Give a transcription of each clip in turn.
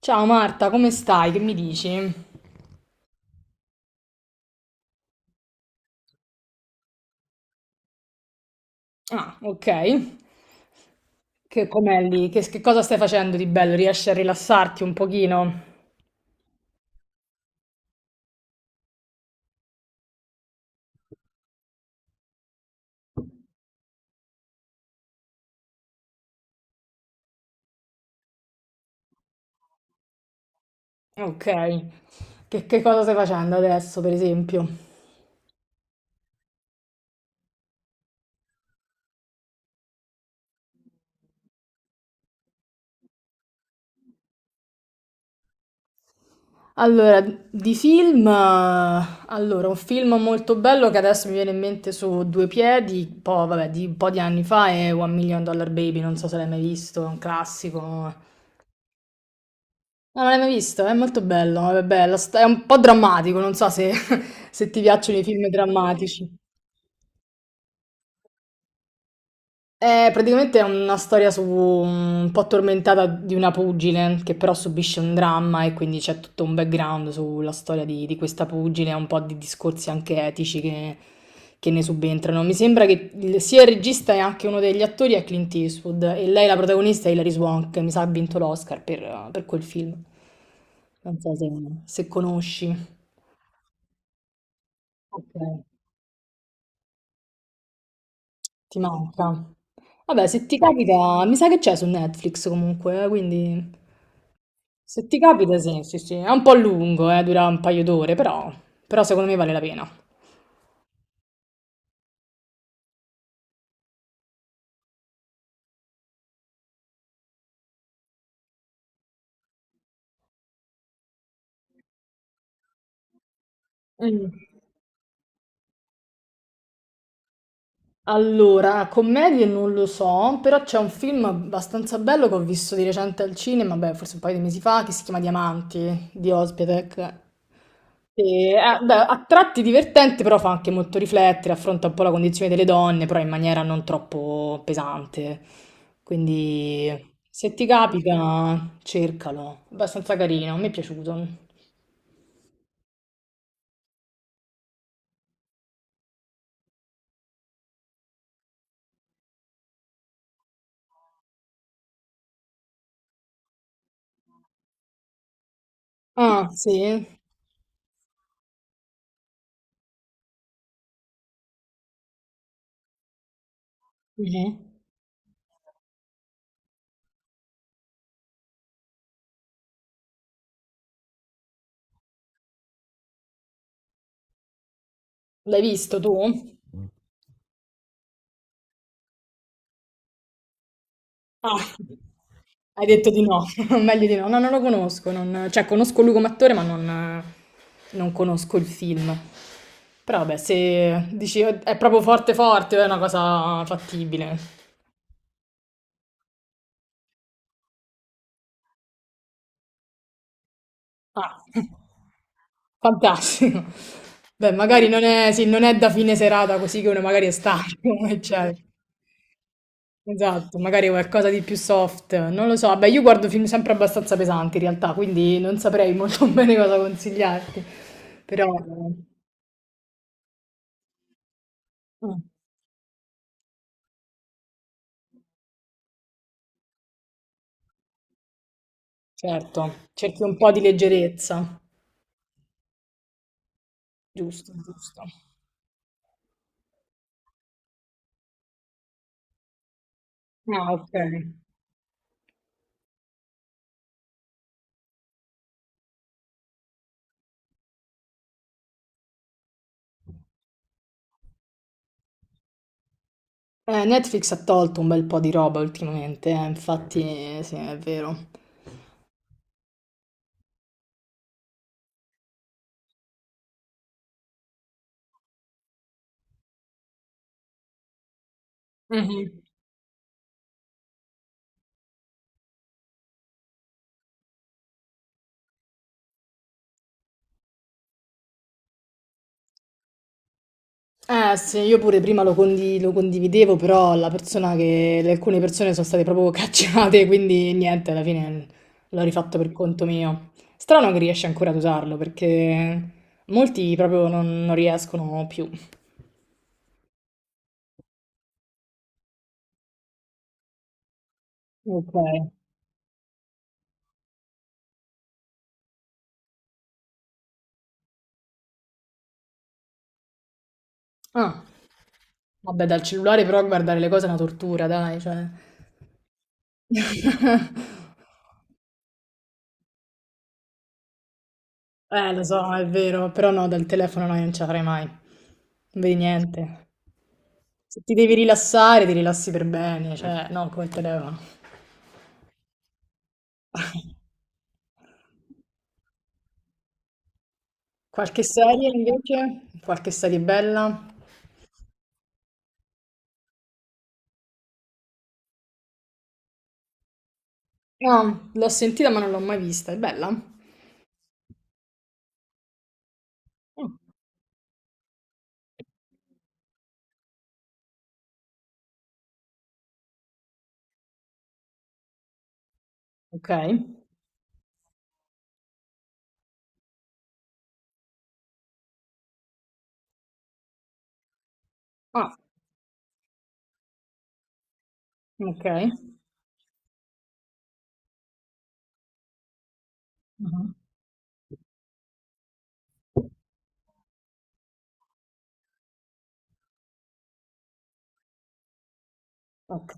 Ciao Marta, come stai? Che mi dici? Ah, ok. Che com'è lì? Che cosa stai facendo di bello? Riesci a rilassarti un pochino? Ok. Che cosa stai facendo adesso, per esempio? Allora, di film, allora, un film molto bello che adesso mi viene in mente su due piedi, un po', vabbè, di un po' di anni fa è One Million Dollar Baby, non so se l'hai mai visto, è un classico. No, non l'hai mai visto? È molto bello, vabbè, è un po' drammatico, non so se se ti piacciono i film drammatici. È praticamente è una storia su, un po' tormentata di una pugile che però subisce un dramma e quindi c'è tutto un background sulla storia di, questa pugile, un po' di discorsi anche etici che ne subentrano. Mi sembra che sia il regista e anche uno degli attori è Clint Eastwood e lei la protagonista è Hilary Swank, mi sa ha vinto l'Oscar per, quel film. Non so se conosci. Ok, ti manca. Vabbè, se ti capita, mi sa che c'è su Netflix comunque, quindi se ti capita, sì, sì, sì. È un po' lungo, dura un paio d'ore, però, però secondo me vale la pena. Mm. Allora, commedie non lo so, però c'è un film abbastanza bello che ho visto di recente al cinema, beh, forse un paio di mesi fa, che si chiama Diamanti, di Özpetek. Sì, beh, a tratti divertente, però fa anche molto riflettere, affronta un po' la condizione delle donne, però in maniera non troppo pesante. Quindi se ti capita, cercalo. Abbastanza carino, mi è piaciuto. Ah, sì? Mhm. L'hai visto tu? Ah, hai detto di no, meglio di no. No, non lo conosco, non- cioè conosco lui come attore, ma non, conosco il film. Però vabbè, se dici "Oh, è proprio forte forte", è una cosa fattibile. Ah, fantastico. Beh, magari non è, sì, non è da fine serata così che uno magari è stanco, eccetera. Esatto, magari qualcosa di più soft, non lo so. Vabbè, io guardo film sempre abbastanza pesanti in realtà, quindi non saprei molto bene cosa consigliarti. Peròmm, certo, cerchi un po' di leggerezza. Giusto, giusto. Ah, ok. Netflix ha tolto un bel po' di roba ultimamente, infatti, sì, è vero. Mhm. Eh sì, io pure prima lo, lo condividevo, però la persona che... alcune persone sono state proprio cacciate, quindi niente, alla fine l'ho rifatto per conto mio. Strano che riesci ancora ad usarlo, perché molti proprio non riescono più. Ok. Ah, vabbè, dal cellulare però guardare le cose è una tortura, dai, cioè... lo so, è vero, però no, dal telefono no, io non ce la farei mai. Non vedi niente. Se ti devi rilassare, ti rilassi per bene, cioè, non come il telefono. Qualche serie invece? Qualche serie bella? No, l'ho sentita ma non l'ho mai vista. È bella? Mm. Ok. Ah, ok. Mhm. Ok.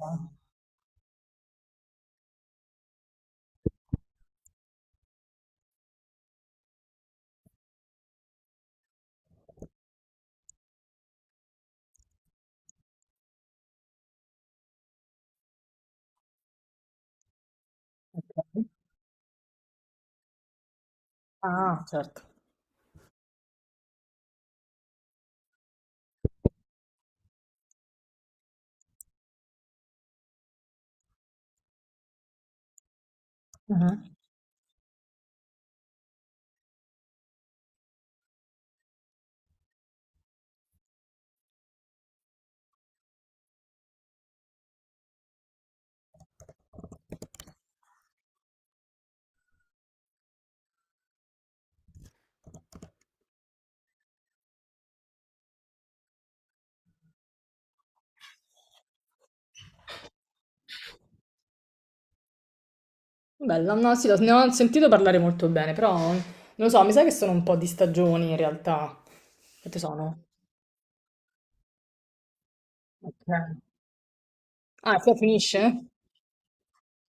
Ah, certo. Mhm. Bella, no, sì, ne ho sentito parlare molto bene, però non lo so, mi sa che sono un po' di stagioni in realtà. Quante sono? Ok. Ah, qua finisce?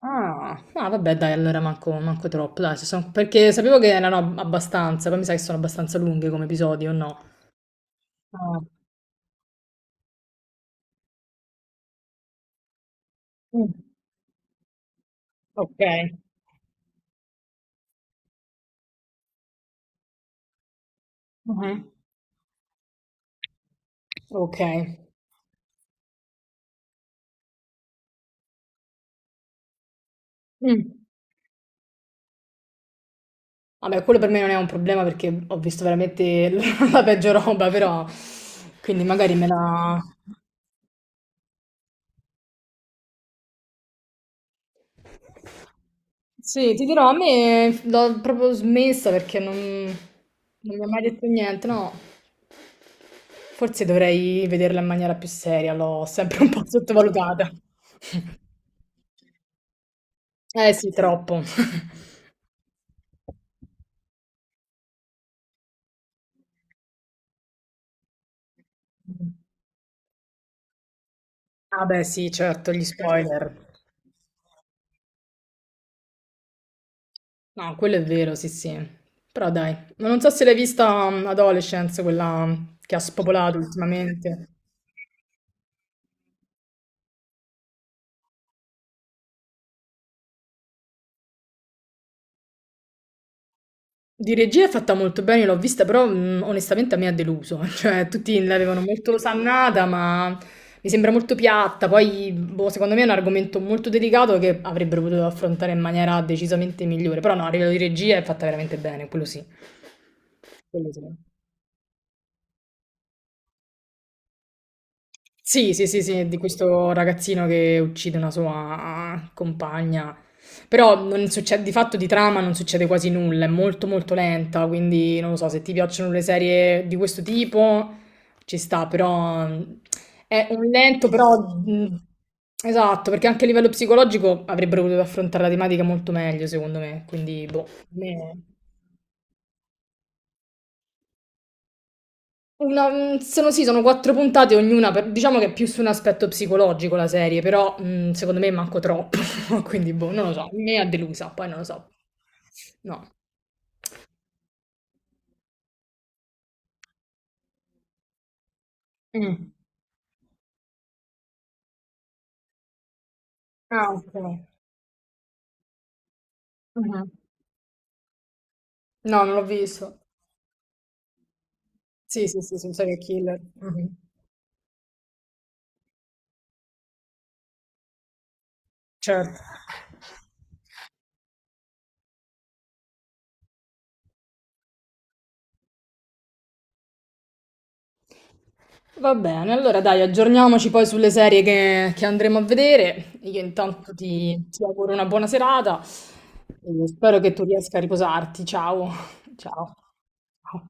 Ah, ah, vabbè, dai, allora manco troppo, dai, se sono- perché sapevo che erano abbastanza, poi mi sa che sono abbastanza lunghe come episodi, o no? Ah, mm, ok. Mhm, ok. Mm. Vabbè, quello per me non è un problema perché ho visto veramente la peggio roba, però, quindi magari me la... Sì, ti dirò, a me l'ho proprio smessa perché non mi ha mai detto niente, no? Forse dovrei vederla in maniera più seria, l'ho sempre un po' sottovalutata. Eh sì, troppo. Ah beh, sì, certo, gli spoiler. No, quello è vero, sì, sì. Però dai, non so se l'hai vista Adolescence, quella che ha spopolato ultimamente. Di regia è fatta molto bene, l'ho vista, però onestamente a me ha deluso, cioè tutti l'avevano molto osannata, ma mi sembra molto piatta, poi boh, secondo me è un argomento molto delicato che avrebbero potuto affrontare in maniera decisamente migliore, però no, a livello di regia è fatta veramente bene, quello sì, quello sì. Sì, sì, sì, sì, di questo ragazzino che uccide una sua compagna. Però non succede, di fatto di trama non succede quasi nulla, è molto molto lenta, quindi non lo so, se ti piacciono le serie di questo tipo ci sta, però è un lento, però esatto, perché anche a livello psicologico avrebbero potuto affrontare la tematica molto meglio, secondo me, quindi boh, a me... Una, sono sì, sono quattro puntate ognuna, diciamo che è più su un aspetto psicologico la serie, però secondo me manco troppo, quindi boh, non lo so, mi ha delusa, poi non lo so. No. Mm. Ah, ok. Mhm. No, non l'ho visto. Sì, sì, sì, sono serial killer. Mhm. Certo. Va bene, allora dai, aggiorniamoci poi sulle serie che andremo a vedere. Io intanto ti, auguro una buona serata e spero che tu riesca a riposarti. Ciao. Ciao. Ciao.